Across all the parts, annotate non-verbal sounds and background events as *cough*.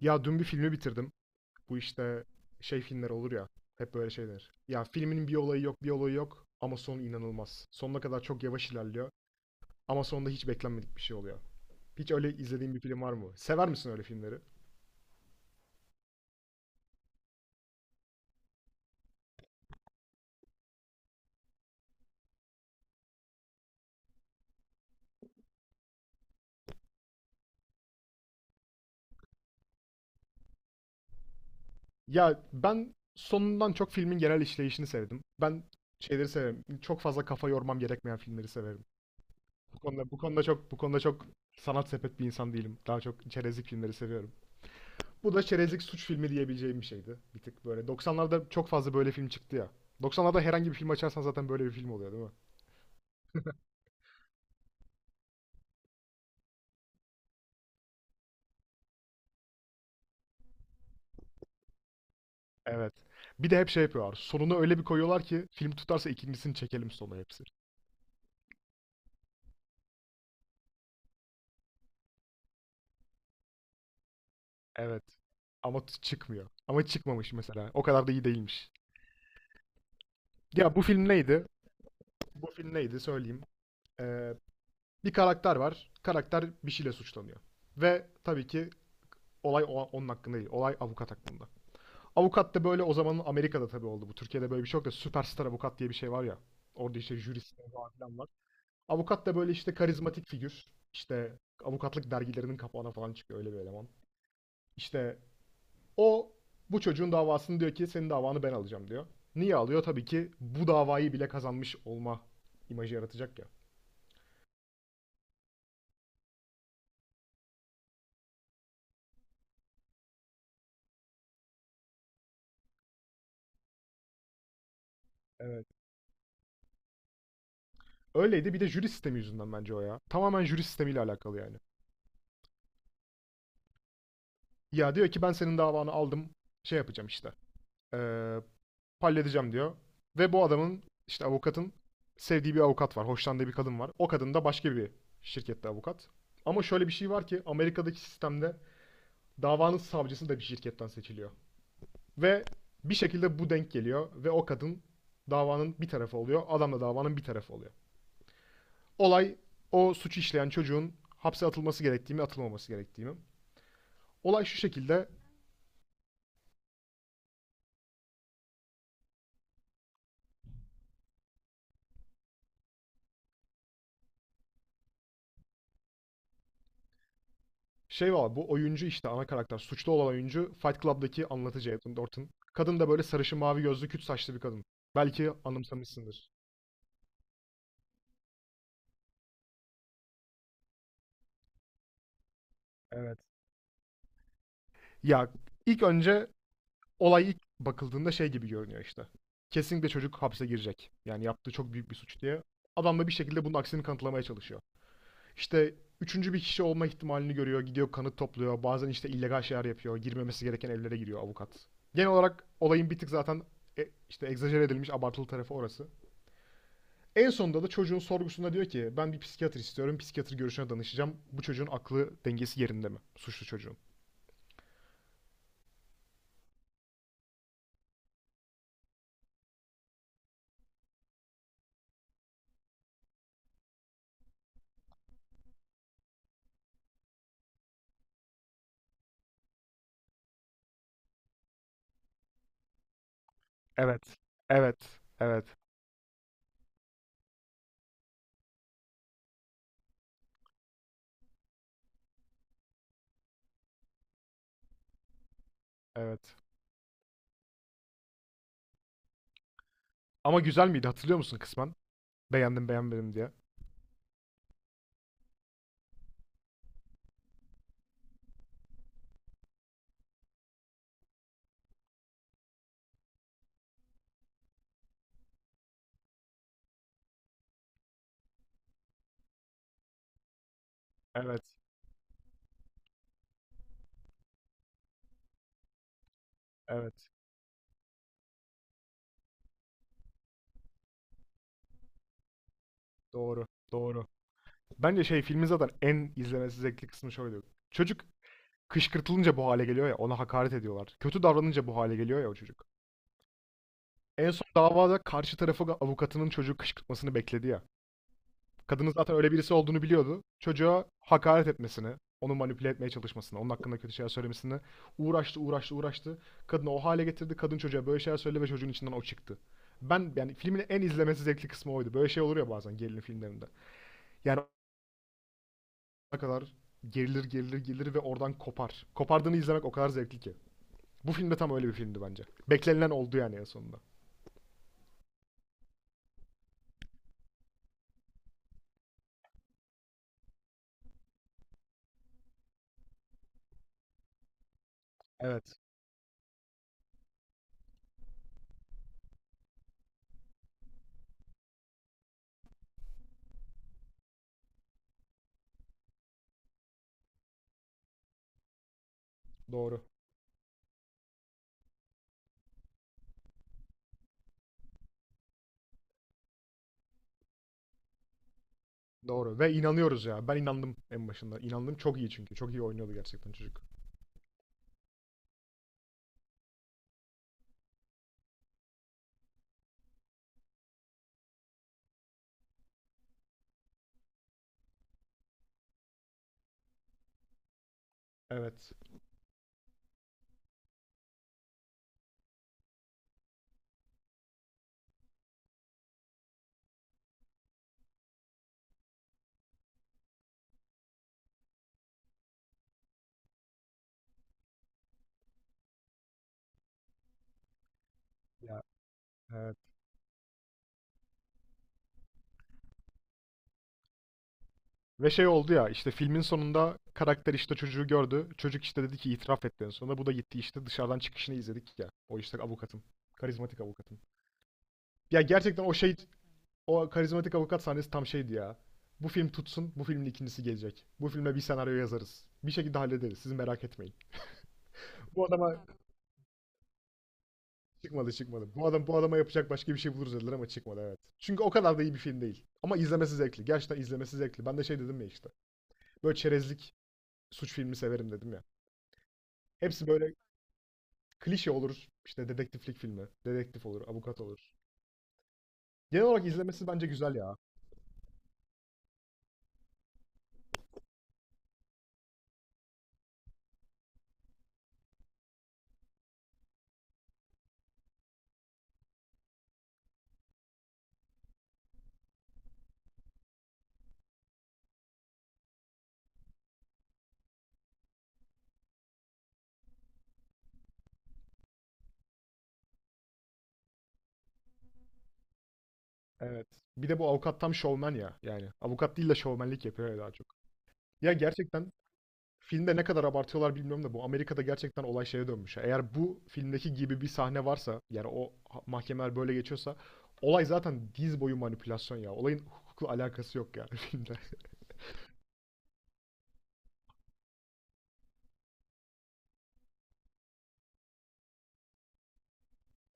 Ya dün bir filmi bitirdim. Bu işte şey filmler olur ya. Hep böyle şeyler. Ya filmin bir olayı yok, ama sonu inanılmaz. Sonuna kadar çok yavaş ilerliyor ama sonunda hiç beklenmedik bir şey oluyor. Hiç öyle izlediğin bir film var mı? Sever misin öyle filmleri? Ya ben sonundan çok filmin genel işleyişini sevdim. Ben şeyleri severim. Çok fazla kafa yormam gerekmeyen filmleri severim. Bu konuda çok sanat sepet bir insan değilim. Daha çok çerezlik filmleri seviyorum. Bu da çerezlik suç filmi diyebileceğim bir şeydi. Bir tık böyle. 90'larda çok fazla böyle film çıktı ya. 90'larda herhangi bir film açarsan zaten böyle bir film oluyor değil mi? Evet. Bir de hep şey yapıyorlar. Sonunu öyle bir koyuyorlar ki film tutarsa ikincisini çekelim sonu hepsi. Evet. Ama çıkmıyor. Ama çıkmamış mesela. O kadar da iyi değilmiş. Ya bu film neydi? Bu film neydi söyleyeyim. Ee, Bir karakter var. Karakter bir şeyle suçlanıyor. Ve tabii ki olay onun hakkında değil. Olay avukat hakkında. Avukat da böyle o zamanın Amerika'da tabii oldu bu. Türkiye'de böyle bir şey yok da süperstar avukat diye bir şey var ya. Orada işte jürisler falan var. Avukat da böyle işte karizmatik figür. İşte avukatlık dergilerinin kapağına falan çıkıyor öyle bir eleman. İşte o bu çocuğun davasını diyor ki senin davanı ben alacağım diyor. Niye alıyor? Tabii ki bu davayı bile kazanmış olma imajı yaratacak ya. Evet. Öyleydi, bir de jüri sistemi yüzünden bence o ya. Tamamen jüri sistemiyle alakalı yani. Ya diyor ki ben senin davanı aldım şey yapacağım işte. Ee, Halledeceğim diyor. Ve bu adamın işte avukatın sevdiği bir avukat var. Hoşlandığı bir kadın var. O kadın da başka bir şirkette avukat. Ama şöyle bir şey var ki Amerika'daki sistemde davanın savcısı da bir şirketten seçiliyor. Ve bir şekilde bu denk geliyor ve o kadın davanın bir tarafı oluyor. Adam da davanın bir tarafı oluyor. Olay o suçu işleyen çocuğun hapse atılması gerektiği mi atılmaması gerektiği mi? Olay şu şekilde. Şey var, bu oyuncu işte ana karakter. Suçlu olan oyuncu Fight Club'daki anlatıcı Edwin Norton. Kadın da böyle sarışın mavi gözlü küt saçlı bir kadın. Belki anımsamışsındır. Evet. Ya ilk önce olay ilk bakıldığında şey gibi görünüyor işte. Kesinlikle çocuk hapse girecek. Yani yaptığı çok büyük bir suç diye. Adam da bir şekilde bunun aksini kanıtlamaya çalışıyor. İşte üçüncü bir kişi olma ihtimalini görüyor. Gidiyor kanıt topluyor. Bazen işte illegal şeyler yapıyor. Girmemesi gereken evlere giriyor avukat. Genel olarak olayın bir tık zaten işte egzajere edilmiş abartılı tarafı orası. En sonunda da çocuğun sorgusunda diyor ki ben bir psikiyatr istiyorum. Psikiyatr görüşüne danışacağım. Bu çocuğun aklı dengesi yerinde mi? Suçlu çocuğun. Evet. Evet. Evet. Evet. Ama güzel miydi hatırlıyor musun kısmen? Beğendim beğenmedim diye. Evet. Evet. Doğru. Doğru. Bence şey filmin zaten en izlemesi zevkli kısmı şöyle. Çocuk kışkırtılınca bu hale geliyor ya, ona hakaret ediyorlar. Kötü davranınca bu hale geliyor ya o çocuk. En son davada karşı tarafı avukatının çocuğu kışkırtmasını bekledi ya. Kadının zaten öyle birisi olduğunu biliyordu. Çocuğa hakaret etmesini, onu manipüle etmeye çalışmasını, onun hakkında kötü şeyler söylemesini uğraştı, uğraştı, uğraştı. Kadını o hale getirdi. Kadın çocuğa böyle şeyler söyledi ve çocuğun içinden o çıktı. Ben yani filmin en izlemesi zevkli kısmı oydu. Böyle şey olur ya bazen gerilim filmlerinde. Yani o kadar gerilir, gerilir, gerilir ve oradan kopar. Kopardığını izlemek o kadar zevkli ki. Bu filmde tam öyle bir filmdi bence. Beklenilen oldu yani en sonunda. Evet. Doğru. Doğru. Ve inanıyoruz ya. Ben inandım en başında. İnandım çok iyi çünkü. Çok iyi oynuyordu gerçekten çocuk. Evet. Ya, evet. Ve şey oldu ya işte filmin sonunda karakter işte çocuğu gördü. Çocuk işte dedi ki itiraf etti en sonunda. Bu da gitti işte dışarıdan çıkışını izledik ya. O işte avukatın. Karizmatik avukatın. Ya gerçekten o şey o karizmatik avukat sahnesi tam şeydi ya. Bu film tutsun, bu filmin ikincisi gelecek. Bu filme bir senaryo yazarız. Bir şekilde hallederiz. Siz merak etmeyin. Bu adama çıkmadı, çıkmadı. Bu adam bu adama yapacak başka bir şey buluruz dediler ama çıkmadı evet. Çünkü o kadar da iyi bir film değil. Ama izlemesi zevkli. Gerçekten izlemesi zevkli. Ben de şey dedim ya işte. Böyle çerezlik suç filmi severim dedim ya. Hepsi böyle klişe olur. İşte dedektiflik filmi. Dedektif olur, avukat olur. Genel olarak izlemesi bence güzel ya. Evet. Bir de bu avukat tam şovmen ya. Yani avukat değil de şovmenlik yapıyor ya daha çok. Ya gerçekten filmde ne kadar abartıyorlar bilmiyorum da bu Amerika'da gerçekten olay şeye dönmüş ya. Eğer bu filmdeki gibi bir sahne varsa yani o mahkemeler böyle geçiyorsa olay zaten diz boyu manipülasyon ya. Olayın hukukla alakası yok yani *laughs* filmde.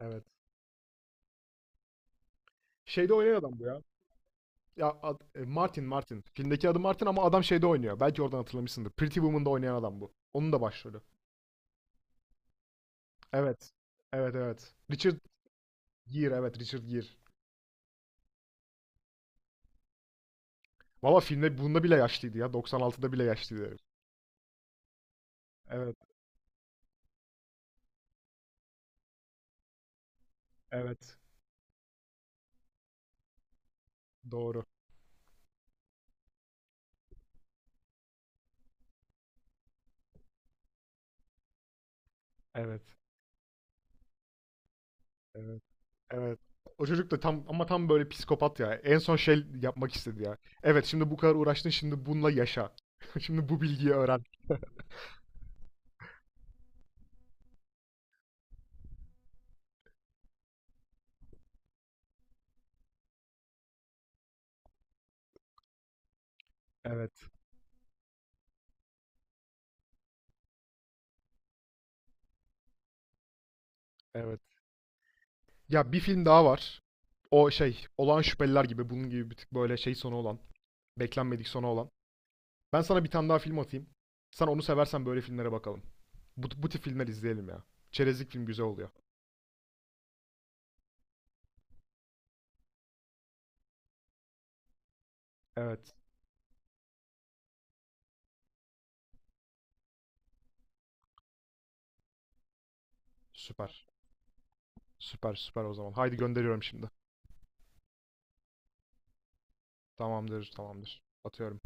Evet. Şeyde oynayan adam bu ya. Ya Martin. Filmdeki adı Martin ama adam şeyde oynuyor. Belki oradan hatırlamışsındır. Pretty Woman'da oynayan adam bu. Onun da başrolü. Evet. Evet evet. Richard Gere, evet Richard Gere. Valla filmde bunda bile yaşlıydı ya. 96'da bile yaşlıydı herif. Evet. Evet. Doğru. Evet. Evet. Evet. O çocuk da tam ama tam böyle psikopat ya. En son şey yapmak istedi ya. Evet, şimdi bu kadar uğraştın şimdi bununla yaşa. *laughs* Şimdi bu bilgiyi öğren. Evet. Evet. Ya bir film daha var. O şey, Olağan Şüpheliler gibi bunun gibi bir tık böyle şey sonu olan, beklenmedik sonu olan. Ben sana bir tane daha film atayım. Sen onu seversen böyle filmlere bakalım. Bu, bu tip filmler izleyelim ya. Çerezlik film güzel oluyor. Evet. Süper. Süper süper o zaman. Haydi gönderiyorum şimdi. Tamamdır, tamamdır. Atıyorum.